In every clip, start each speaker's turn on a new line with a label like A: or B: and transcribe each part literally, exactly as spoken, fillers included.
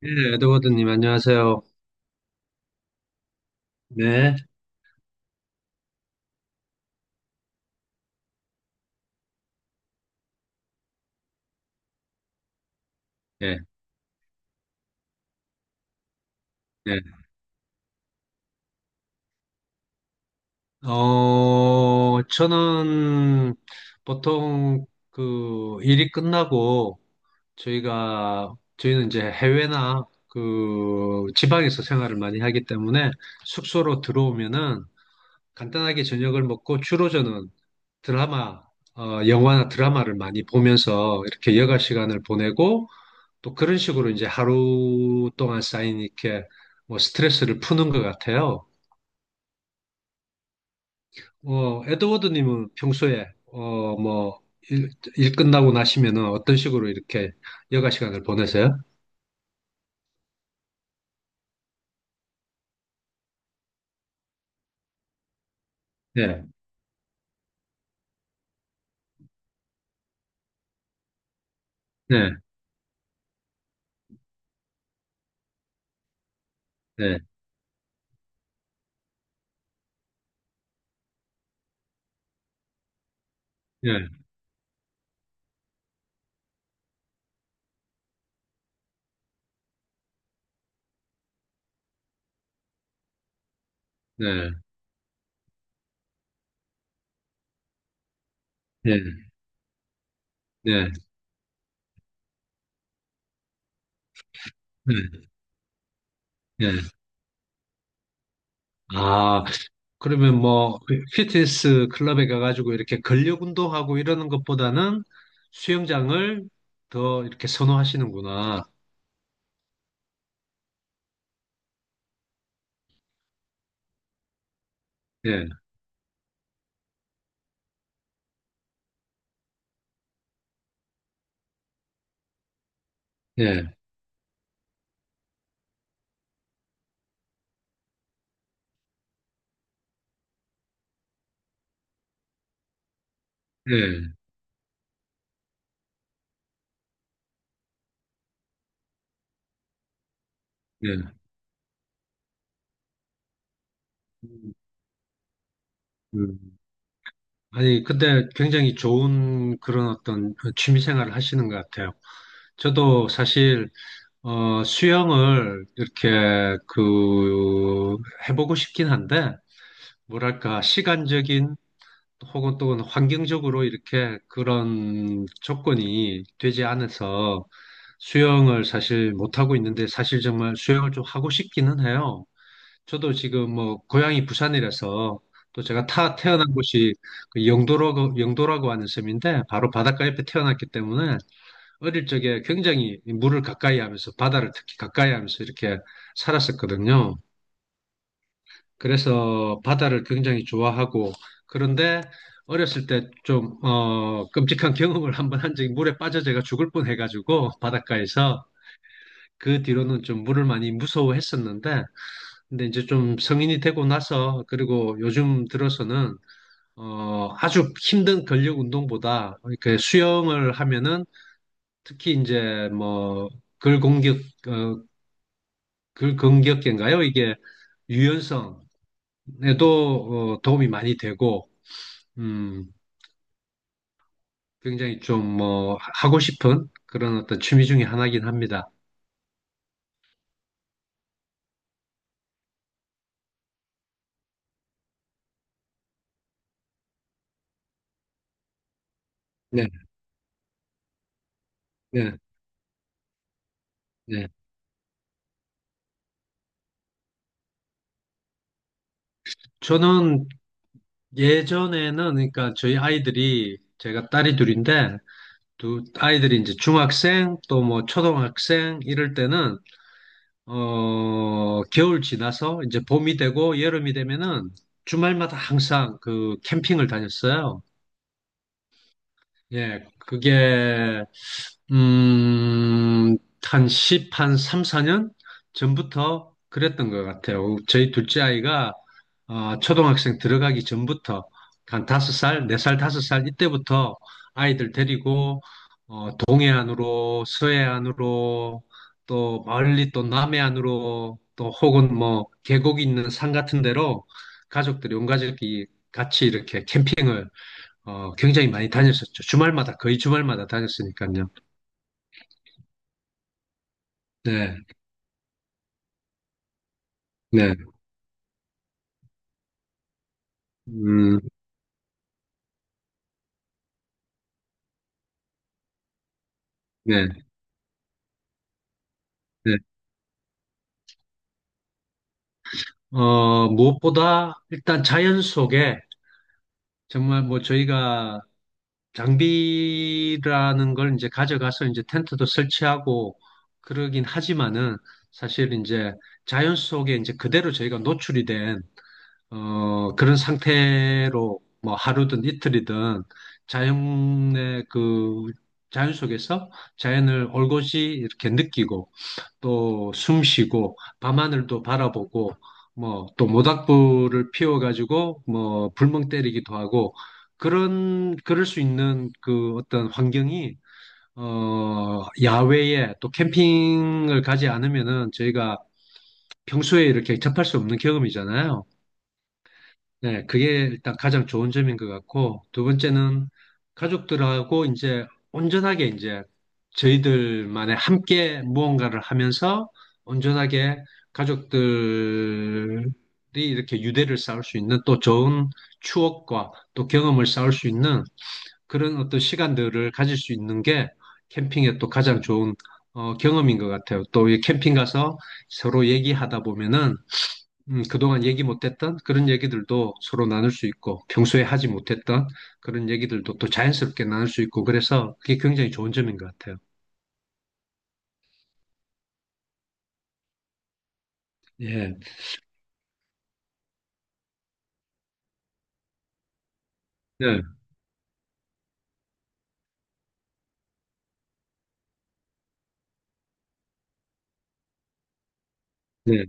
A: 네, 에드워드님, 안녕하세요. 네, 예, 예. 어, 저는 보통 그 일이 끝나고 저희가, 저희는 이제 해외나 그 지방에서 생활을 많이 하기 때문에 숙소로 들어오면은 간단하게 저녁을 먹고 주로 저는 드라마, 어, 영화나 드라마를 많이 보면서 이렇게 여가 시간을 보내고 또 그런 식으로 이제 하루 동안 쌓인 이렇게 뭐 스트레스를 푸는 것 같아요. 어, 에드워드님은 평소에 어, 뭐 일, 일 끝나고 나시면은 어떤 식으로 이렇게 여가 시간을 보내세요? 네, 네, 네, 네, 네, 네, 네, 네, 네. 아, 그러면 뭐 피트니스 클럽에 가가지고 이렇게 근력 운동하고 이러는 것보다는 수영장을 더 이렇게 선호하시는구나. 예, 예, 예, 예. 음. 음. 아니, 근데 굉장히 좋은 그런 어떤 취미 생활을 하시는 것 같아요. 저도 사실, 어, 수영을 이렇게 그, 해보고 싶긴 한데, 뭐랄까, 시간적인 혹은 또는 환경적으로 이렇게 그런 조건이 되지 않아서 수영을 사실 못하고 있는데, 사실 정말 수영을 좀 하고 싶기는 해요. 저도 지금 뭐 고향이 부산이라서 또 제가 타 태어난 곳이 그 영도라고 영도라고 하는 섬인데 바로 바닷가 옆에 태어났기 때문에 어릴 적에 굉장히 물을 가까이 하면서 바다를 특히 가까이 하면서 이렇게 살았었거든요. 그래서 바다를 굉장히 좋아하고, 그런데 어렸을 때 좀 어, 끔찍한 경험을 한번 한 적이, 물에 빠져 제가 죽을 뻔 해가지고 바닷가에서, 그 뒤로는 좀 물을 많이 무서워했었는데 근데 이제 좀 성인이 되고 나서 그리고 요즘 들어서는 어 아주 힘든 근력 운동보다 이렇게 수영을 하면은 특히 이제 뭐 근공격 어 근근격계인가요? 이게 유연성에도 어, 도움이 많이 되고, 음 굉장히 좀 뭐 하고 싶은 그런 어떤 취미 중에 하나긴 합니다. 네, 네, 네. 저는 예전에는, 그러니까 저희 아이들이, 제가 딸이 둘인데 두 아이들이 이제 중학생 또 뭐 초등학생 이럴 때는 어 겨울 지나서 이제 봄이 되고 여름이 되면은 주말마다 항상 그 캠핑을 다녔어요. 예, 그게, 음, 한 십, 한 삼, 사 년 전부터 그랬던 것 같아요. 저희 둘째 아이가 어, 초등학생 들어가기 전부터, 한 다섯 살, 네 살, 다섯 살, 이때부터 아이들 데리고 어, 동해안으로, 서해안으로, 또 멀리 또 남해안으로, 또 혹은 뭐 계곡이 있는 산 같은 데로 가족들이, 온 가족이 같이 이렇게 캠핑을 어, 굉장히 많이 다녔었죠. 주말마다, 거의 주말마다 다녔으니까요. 네, 네, 음, 네, 네. 어, 무엇보다 일단 자연 속에 정말, 뭐 저희가 장비라는 걸 이제 가져가서 이제 텐트도 설치하고 그러긴 하지만은 사실 이제 자연 속에 이제 그대로 저희가 노출이 된 어, 그런 상태로 뭐 하루든 이틀이든 자연의 그 자연 속에서 자연을 올곧이 이렇게 느끼고 또 숨 쉬고 밤하늘도 바라보고 뭐 또 모닥불을 피워가지고 뭐 불멍 때리기도 하고 그런 그럴 수 있는 그 어떤 환경이, 어, 야외에 또 캠핑을 가지 않으면은 저희가 평소에 이렇게 접할 수 없는 경험이잖아요. 네, 그게 일단 가장 좋은 점인 것 같고, 두 번째는 가족들하고 이제 온전하게 이제 저희들만의 함께 무언가를 하면서 온전하게 가족들이 이렇게 유대를 쌓을 수 있는 또 좋은 추억과 또 경험을 쌓을 수 있는 그런 어떤 시간들을 가질 수 있는 게 캠핑의 또 가장 좋은 어, 경험인 것 같아요. 또 이 캠핑 가서 서로 얘기하다 보면은 음, 그동안 얘기 못했던 그런 얘기들도 서로 나눌 수 있고, 평소에 하지 못했던 그런 얘기들도 또 자연스럽게 나눌 수 있고, 그래서 그게 굉장히 좋은 점인 것 같아요. 예, 예, 예,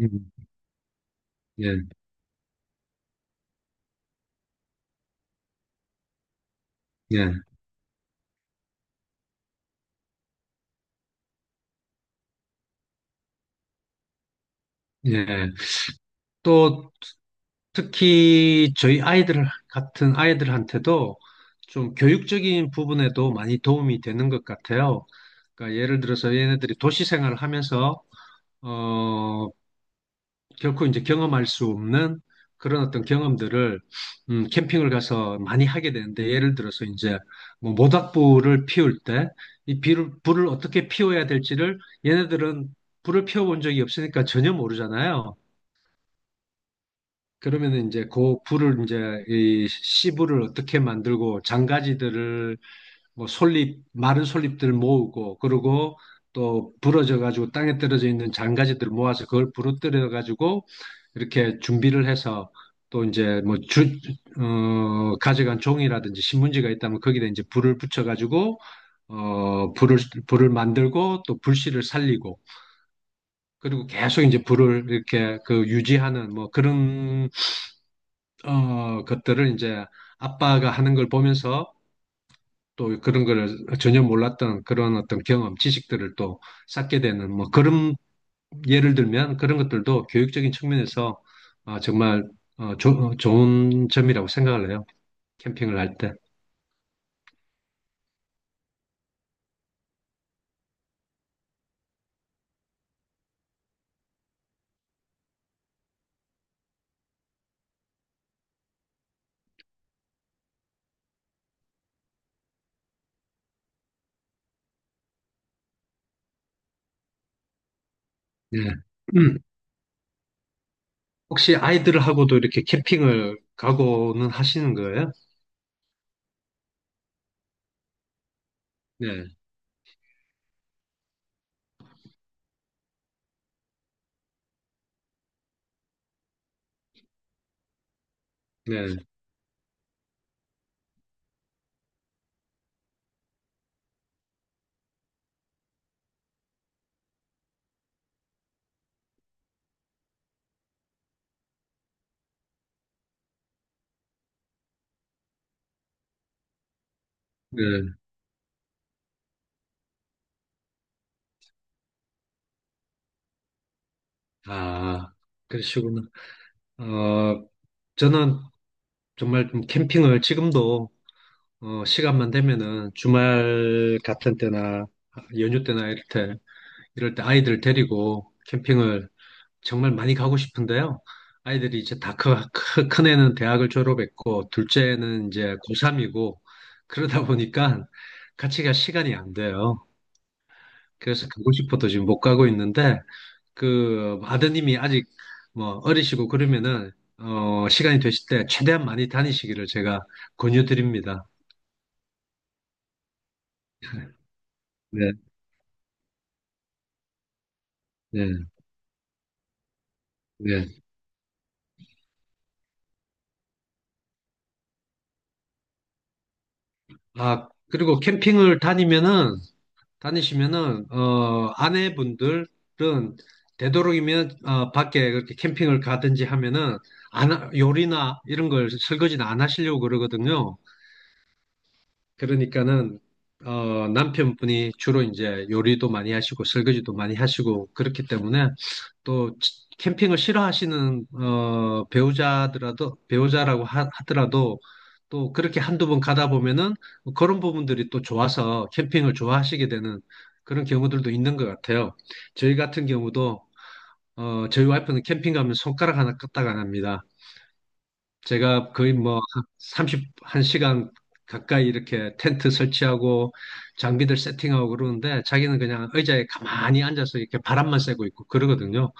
A: 음, 예, 예, 예. 또 특히 저희 아이들 같은 아이들한테도 좀 교육적인 부분에도 많이 도움이 되는 것 같아요. 그러니까 예를 들어서 얘네들이 도시 생활을 하면서 어, 결코 이제 경험할 수 없는 그런 어떤 경험들을, 음, 캠핑을 가서 많이 하게 되는데, 예를 들어서 이제 뭐 모닥불을 피울 때 이 비를 불을 어떻게 피워야 될지를, 얘네들은 불을 피워본 적이 없으니까 전혀 모르잖아요. 그러면 이제 그 불을, 이제 이 씨불을 어떻게 만들고 장가지들을 뭐 솔잎, 마른 솔잎들 모으고, 그리고 또 부러져 가지고 땅에 떨어져 있는 장가지들 모아서 그걸 부러뜨려 가지고 이렇게 준비를 해서, 또 이제 뭐 주, 어, 가져간 종이라든지 신문지가 있다면 거기다 이제 불을 붙여 가지고 어, 불을, 불을 만들고 또 불씨를 살리고, 그리고 계속 이제 불을 이렇게 그 유지하는 뭐 그런 어, 것들을 이제 아빠가 하는 걸 보면서 또 그런 거를 전혀 몰랐던 그런 어떤 경험, 지식들을 또 쌓게 되는 뭐 그런, 예를 들면 그런 것들도 교육적인 측면에서 어, 정말 어, 조- 어, 좋은 점이라고 생각을 해요. 캠핑을 할 때. 네. 음, 혹시 아이들하고도 이렇게 캠핑을 가고는 하시는 거예요? 네, 네, 네. 아, 그러시구나. 어, 저는 정말 좀 캠핑을 지금도 어, 시간만 되면은 주말 같은 때나 연휴 때나 이럴 때, 이럴 때 아이들 데리고 캠핑을 정말 많이 가고 싶은데요. 아이들이 이제 다 크, 크, 큰 애는 대학을 졸업했고, 둘째는 이제 고삼이고, 그러다 보니까 같이 갈 시간이 안 돼요. 그래서 가고 싶어도 지금 못 가고 있는데, 그 아드님이 아직 뭐 어리시고 그러면은 어, 시간이 되실 때 최대한 많이 다니시기를 제가 권유드립니다. 네, 네, 네. 아, 그리고 캠핑을 다니면은, 다니시면은, 어, 아내분들은 되도록이면 어, 밖에 그렇게 캠핑을 가든지 하면은, 안, 하- 요리나 이런 걸, 설거지는 안 하시려고 그러거든요. 그러니까는 어, 남편분이 주로 이제 요리도 많이 하시고, 설거지도 많이 하시고, 그렇기 때문에, 또 치- 캠핑을 싫어하시는 어, 배우자더라도, 배우자라고 하, 더라도또 그렇게 한두 번 가다 보면은 그런 부분들이 또 좋아서 캠핑을 좋아하시게 되는 그런 경우들도 있는 것 같아요. 저희 같은 경우도 어, 저희 와이프는 캠핑 가면 손가락 하나 까딱 안 합니다. 제가 거의 뭐 서른한 시간 가까이 이렇게 텐트 설치하고 장비들 세팅하고 그러는데, 자기는 그냥 의자에 가만히 앉아서 이렇게 바람만 쐬고 있고 그러거든요.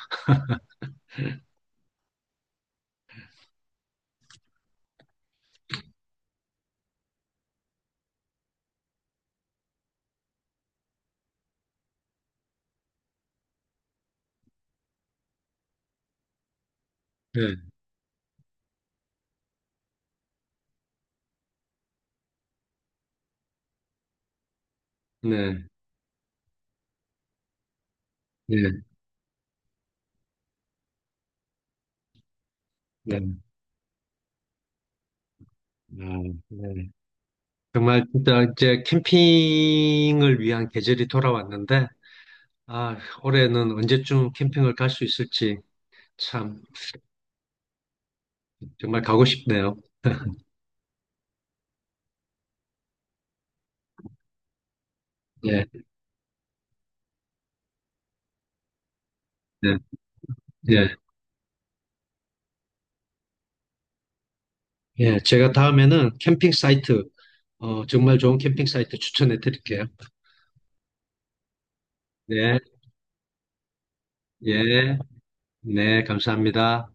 A: 네. 네. 네, 네, 아, 네. 정말 진짜 이제 캠핑을 위한 계절이 돌아왔는데, 아, 올해는 언제쯤 캠핑을 갈 수 있을지, 참, 정말 가고 싶네요. 예, 네, 예, 예. 제가 다음에는 캠핑 사이트, 어, 정말 좋은 캠핑 사이트 추천해 드릴게요. 네, 예, 네, 감사합니다.